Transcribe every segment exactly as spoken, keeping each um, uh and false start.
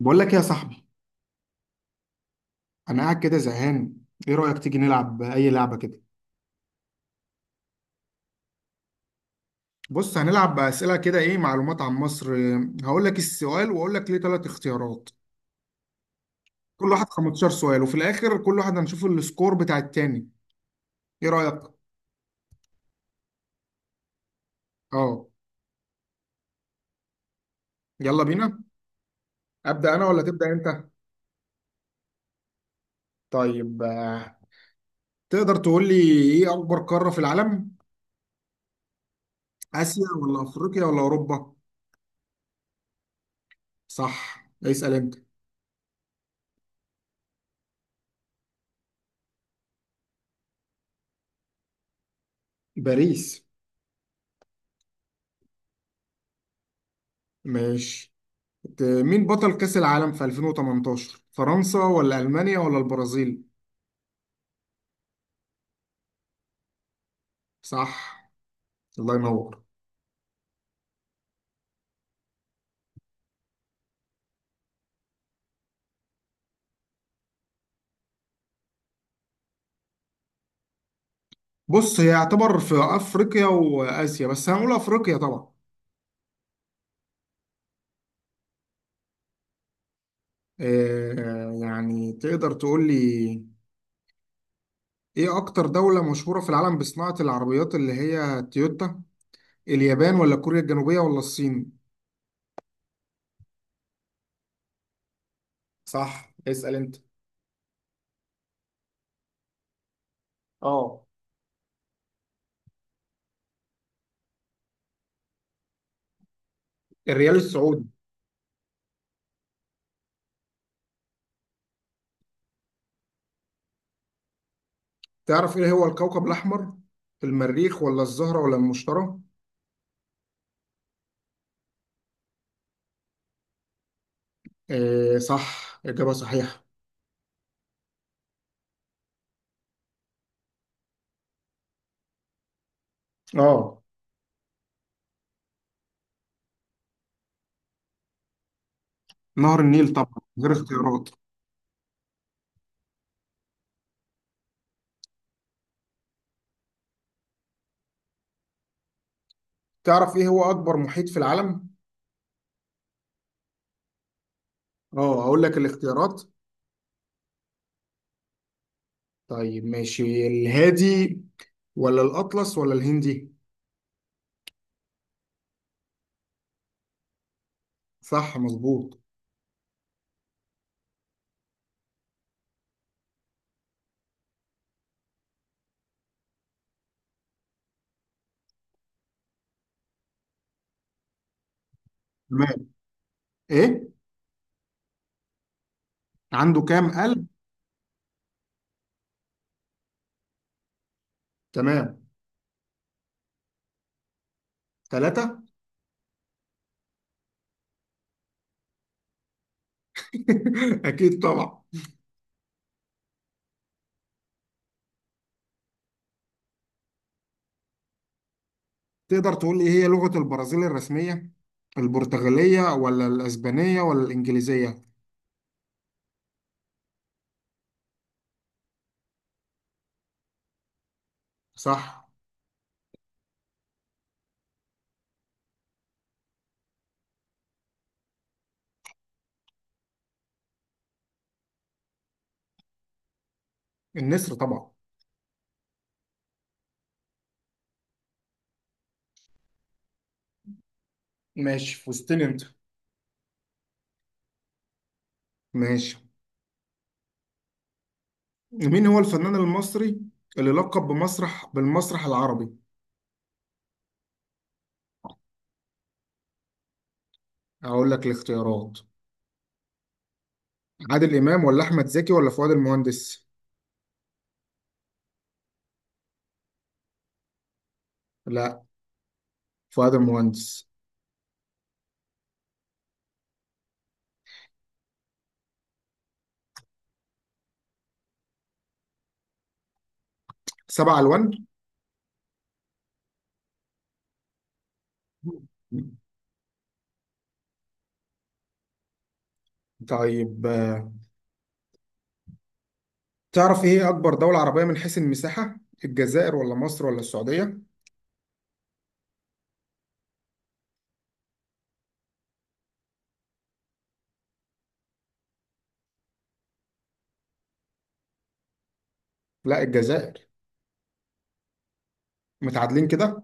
بقول لك يا صاحبي، انا قاعد كده زهقان. ايه رايك تيجي نلعب اي لعبه كده؟ بص هنلعب اسئله كده، ايه معلومات عن مصر. هقول لك السؤال واقول لك ليه ثلاث اختيارات، كل واحد خمستاشر سؤال، وفي الاخر كل واحد هنشوف السكور بتاع التاني. ايه رايك؟ اه. يلا بينا. ابدا انا ولا تبدا انت؟ طيب آه، تقدر تقول لي ايه اكبر قاره في العالم؟ اسيا ولا افريقيا ولا اوروبا؟ صح، اسال انت. باريس. ماشي. ت- مين بطل كأس العالم في ألفين وتمنتاشر؟ فرنسا ولا ألمانيا ولا البرازيل؟ صح، الله ينور. بص، هي يعتبر في أفريقيا وآسيا، بس هنقول أفريقيا طبعا. آه، يعني تقدر تقول لي إيه أكتر دولة مشهورة في العالم بصناعة العربيات اللي هي تويوتا؟ اليابان ولا كوريا الجنوبية ولا الصين؟ صح، اسأل أنت. اه. الريال السعودي. تعرف إيه هو الكوكب الأحمر؟ المريخ ولا الزهرة ولا المشتري؟ آه صح، إجابة صحيحة. اه. نهر النيل طبعا، غير اختيارات. تعرف ايه هو اكبر محيط في العالم؟ اه هقول لك الاختيارات. طيب ماشي، الهادي ولا الاطلس ولا الهندي؟ صح مظبوط. تمام. ايه؟ عنده كام قلب؟ تمام. ثلاثة. اكيد طبعا. تقدر تقول لي إيه هي لغة البرازيل الرسمية؟ البرتغالية ولا الاسبانية ولا الانجليزية؟ صح. النسر طبعا. ماشي فزتني انت. ماشي. مين هو الفنان المصري اللي لقب بمسرح بالمسرح العربي؟ هقول لك الاختيارات. عادل إمام ولا أحمد زكي ولا فؤاد المهندس؟ لا، فؤاد المهندس. سبعة ألوان؟ طيب آه، تعرف إيه أكبر دولة عربية من حيث المساحة؟ الجزائر ولا مصر ولا السعودية؟ لا، الجزائر. متعادلين كده؟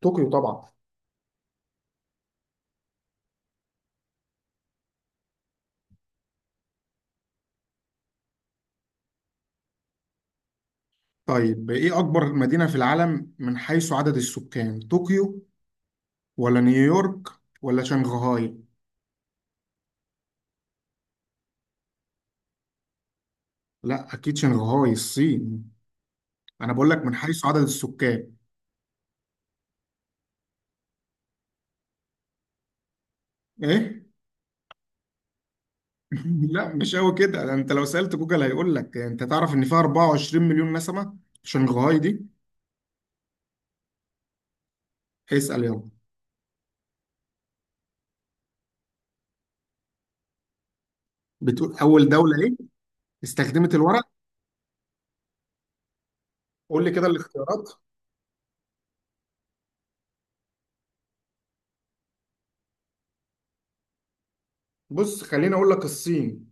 طوكيو طبعا. طيب إيه أكبر مدينة في العالم من حيث عدد السكان؟ طوكيو ولا نيويورك ولا شنغهاي؟ لا أكيد شنغهاي الصين. انا بقول لك من حيث عدد السكان. ايه. لا مش قوي كده، ده انت لو سألت جوجل هيقول لك. يعني انت تعرف ان فيها أربعة وعشرين مليون نسمة شنغهاي دي. اسأل يلا. بتقول اول دولة ايه؟ استخدمت الورق. قول لي كده الاختيارات. بص خليني اقول لك الصين.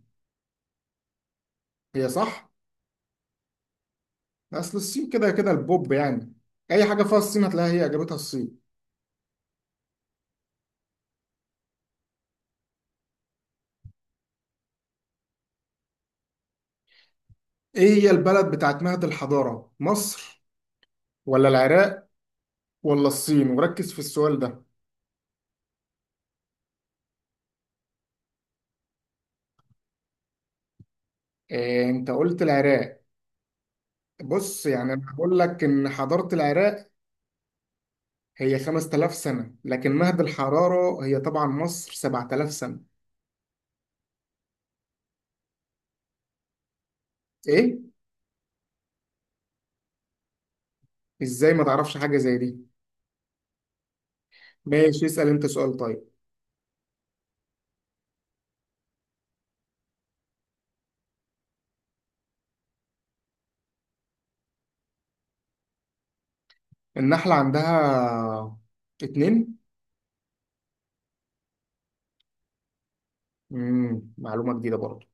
هي صح. اصل الصين كده كده البوب يعني، اي حاجة فيها الصين هتلاقيها هي اجابتها الصين. ايه هي البلد بتاعت مهد الحضارة؟ مصر ولا العراق ولا الصين؟ وركز في السؤال ده. إيه انت قلت العراق؟ بص يعني انا بقول لك ان حضاره العراق هي خمس تلاف سنه، لكن مهد الحراره هي طبعا مصر، سبع تلاف سنه. ايه. ازاي ما تعرفش حاجه زي دي؟ ماشي اسال انت سؤال طيب. النحله عندها اتنين. مم. معلومه جديده برضه.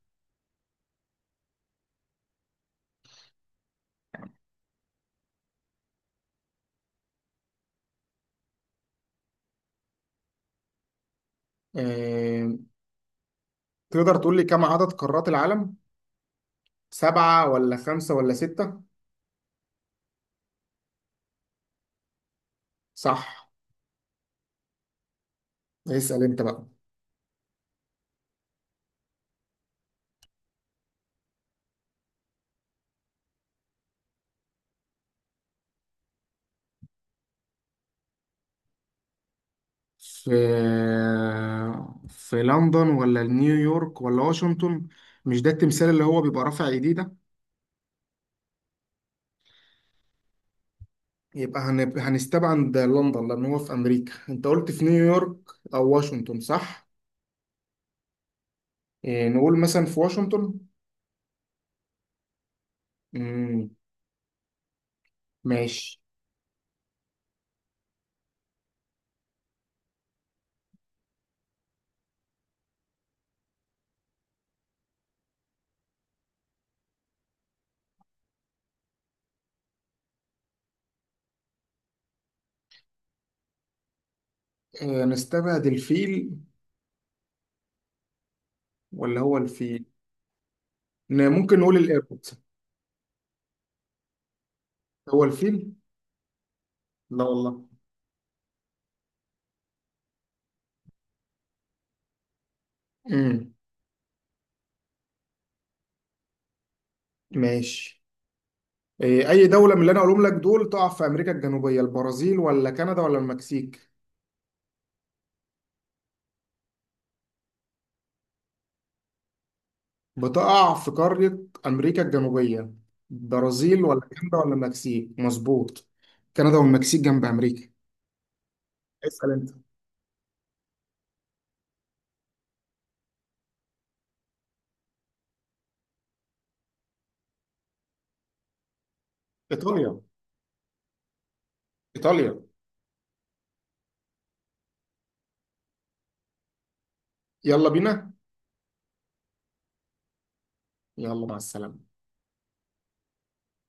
آه. تقدر تقول لي كم عدد قارات العالم؟ سبعه ولا خمسه ولا سته؟ صح. اسال انت بقى. في في لندن ولا نيويورك ولا واشنطن؟ مش ده التمثال اللي هو بيبقى رافع ايديه ده؟ يبقى هن- هنستبعد لندن لان هو في امريكا. انت قلت في نيويورك او واشنطن، صح؟ إيه نقول مثلا في واشنطن. امم. ماشي. إيه نستبعد الفيل ولا هو الفيل؟ ن- ممكن نقول القرد. هو الفيل؟ لا والله. امم. ماشي. إيه اي دولة من اللي انا هقولهم لك دول تقع في امريكا الجنوبية؟ البرازيل ولا كندا ولا المكسيك؟ بتقع في قارة أمريكا الجنوبية، برازيل ولا كندا ولا المكسيك، مظبوط. كندا والمكسيك جنب أمريكا. اسأل أنت. إيطاليا. إيطاليا. يلا بينا. يلا مع السلامة.